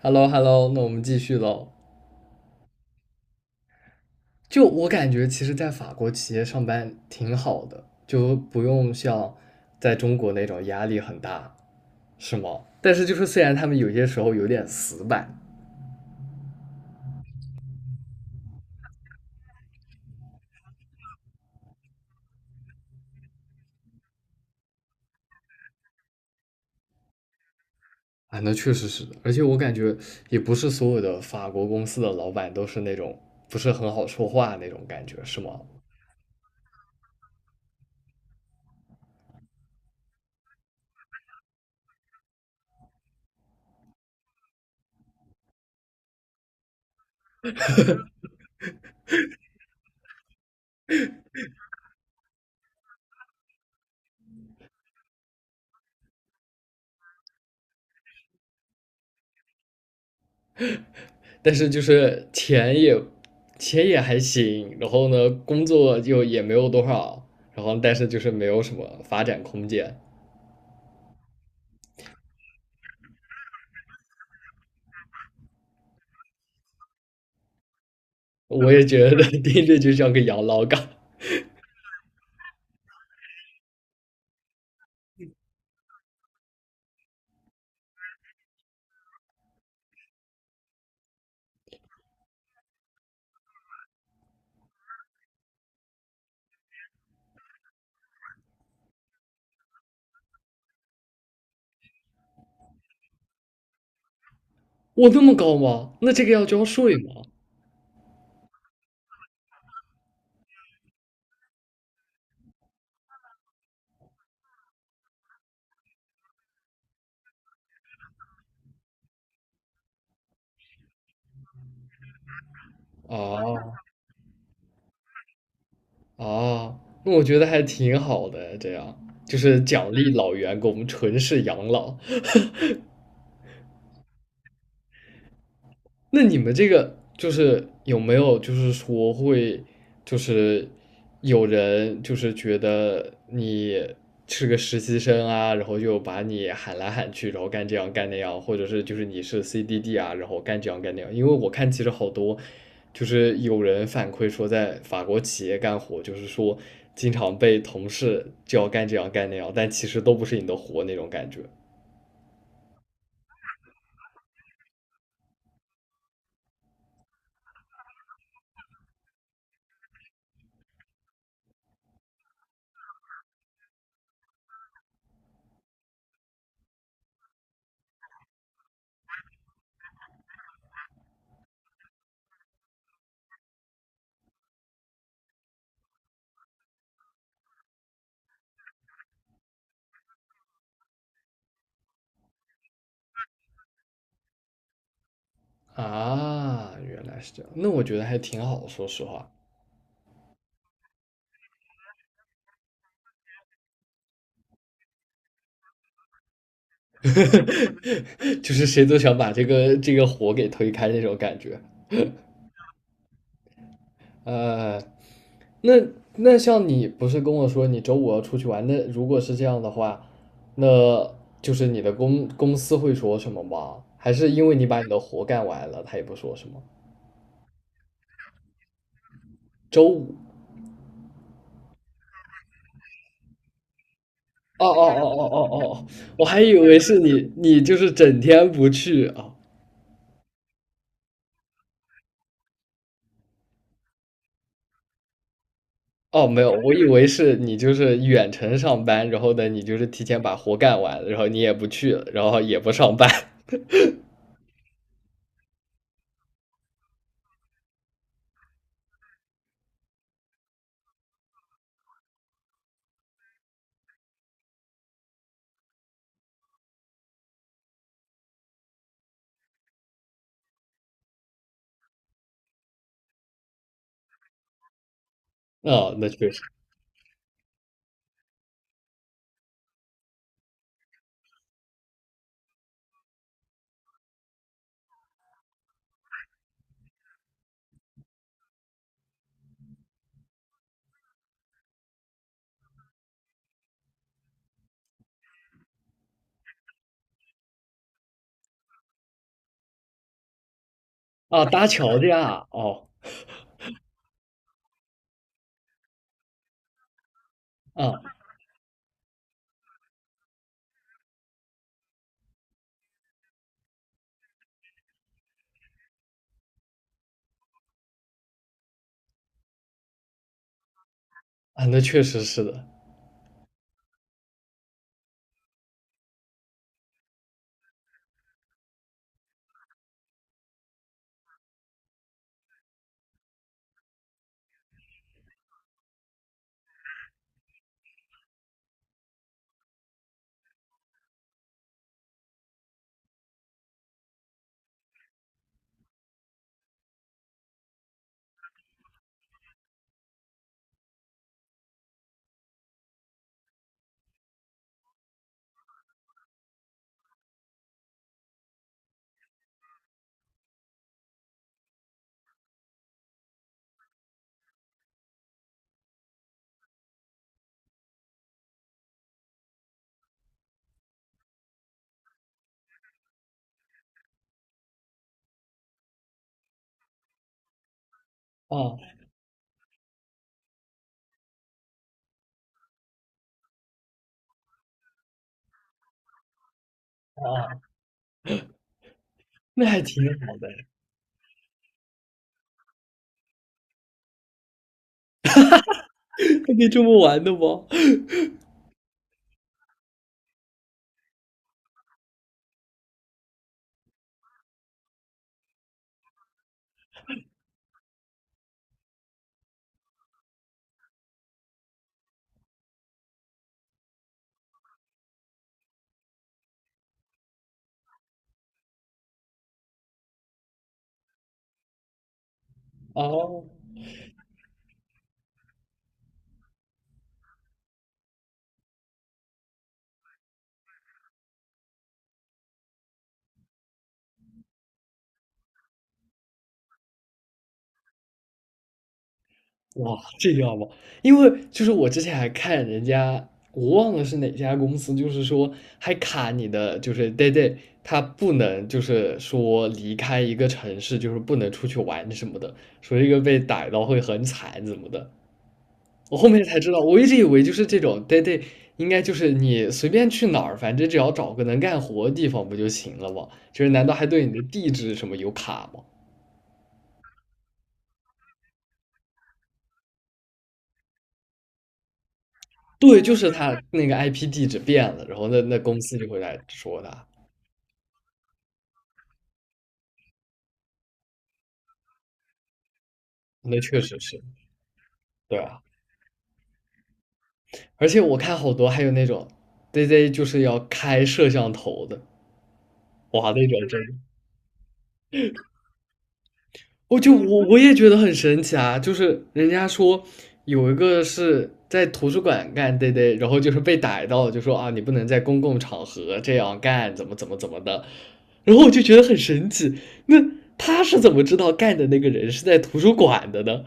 h e l l o h e l l o 那我们继续喽。就我感觉，其实，在法国企业上班挺好的，就不用像在中国那种压力很大，是吗？但是就是虽然他们有些时候有点死板啊，那确实是，而且我感觉也不是所有的法国公司的老板都是那种不是很好说话那种感觉，是吗？但是就是钱也还行，然后呢，工作就也没有多少，然后但是就是没有什么发展空间。我也觉得 听着就像个养老岗。我那么高吗？那这个要交税吗？啊啊，那我觉得还挺好的，这样就是奖励老员工纯是养老，那你们这个就是有没有就是说会就是有人就是觉得你是个实习生啊，然后就把你喊来喊去，然后干这样干那样，或者是就是你是 CDD 啊，然后干这样干那样。因为我看其实好多就是有人反馈说，在法国企业干活，就是说经常被同事就要干这样干那样，但其实都不是你的活那种感觉啊。原来是这样，那我觉得还挺好，说实话。就是谁都想把这个火给推开那种感觉。呃，那那像你不是跟我说你周五要出去玩？那如果是这样的话，那就是你的公司会说什么吗？还是因为你把你的活干完了，他也不说什么？周五？哦哦哦哦哦哦，我还以为是你，你就是整天不去啊。哦，没有，我以为是你就是远程上班，然后呢，你就是提前把活干完，然后你也不去，然后也不上班。哦，那确实。啊，搭桥的呀，哦，啊，啊，那确实是的。哦，哦，那还挺好的，还可以这么玩的吗？哦。哇，这样好不好。因为就是我之前还看人家，我忘了是哪家公司，就是说还卡你的，就是 day day，他不能就是说离开一个城市，就是不能出去玩什么的，说一个被逮到会很惨怎么的。我后面才知道，我一直以为就是这种 day day，应该就是你随便去哪儿，反正只要找个能干活的地方不就行了吗？就是难道还对你的地址什么有卡吗？对，就是他那个 IP 地址变了，然后那公司就会来说他，那确实是，对啊，而且我看好多还有那种对 z 就是要开摄像头的，哇，那种真的，我就我也觉得很神奇啊，就是人家说有一个是在图书馆干对 z 然后就是被逮到了就说啊你不能在公共场合这样干，怎么怎么怎么的，然后我就觉得很神奇，那他是怎么知道干的那个人是在图书馆的呢？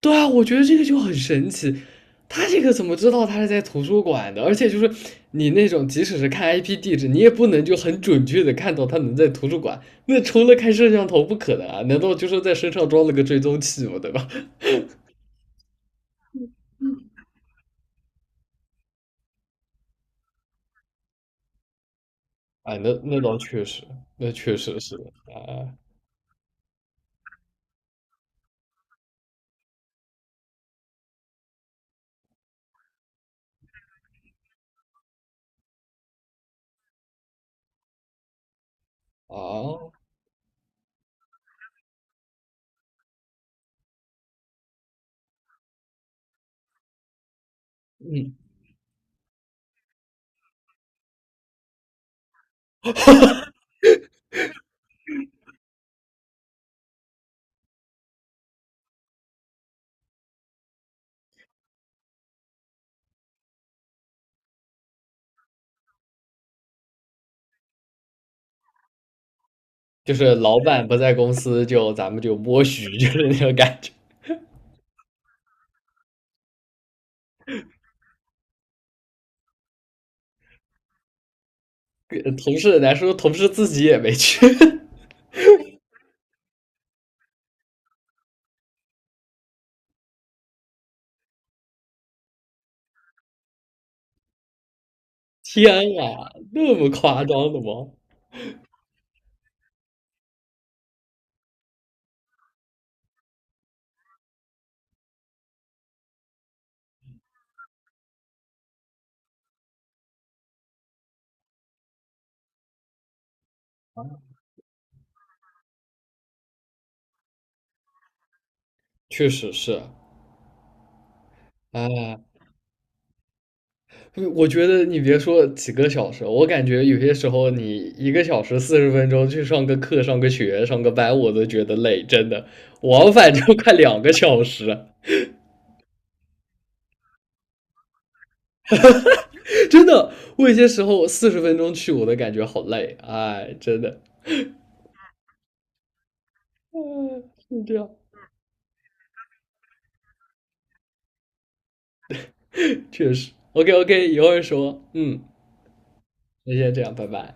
对啊，我觉得这个就很神奇，他这个怎么知道他是在图书馆的？而且就是你那种即使是看 IP 地址，你也不能就很准确的看到他能在图书馆。那除了开摄像头，不可能啊！难道就是在身上装了个追踪器吗？对吧？哎，那倒确实，那确实是啊啊，嗯，就是老板不在公司就咱们就默许，就是那种感觉。跟同事来说，同事自己也没去。天啊，那么夸张的吗？确实是，啊，我觉得你别说几个小时，我感觉有些时候你1个小时40分钟去上个课、上个学、上个班，我都觉得累，真的，往返就快2个小时，真的，我有些时候四十分钟去我都感觉好累，哎，真的，嗯，是这样，确实，OK OK，一会儿说，嗯，那先这样，拜拜。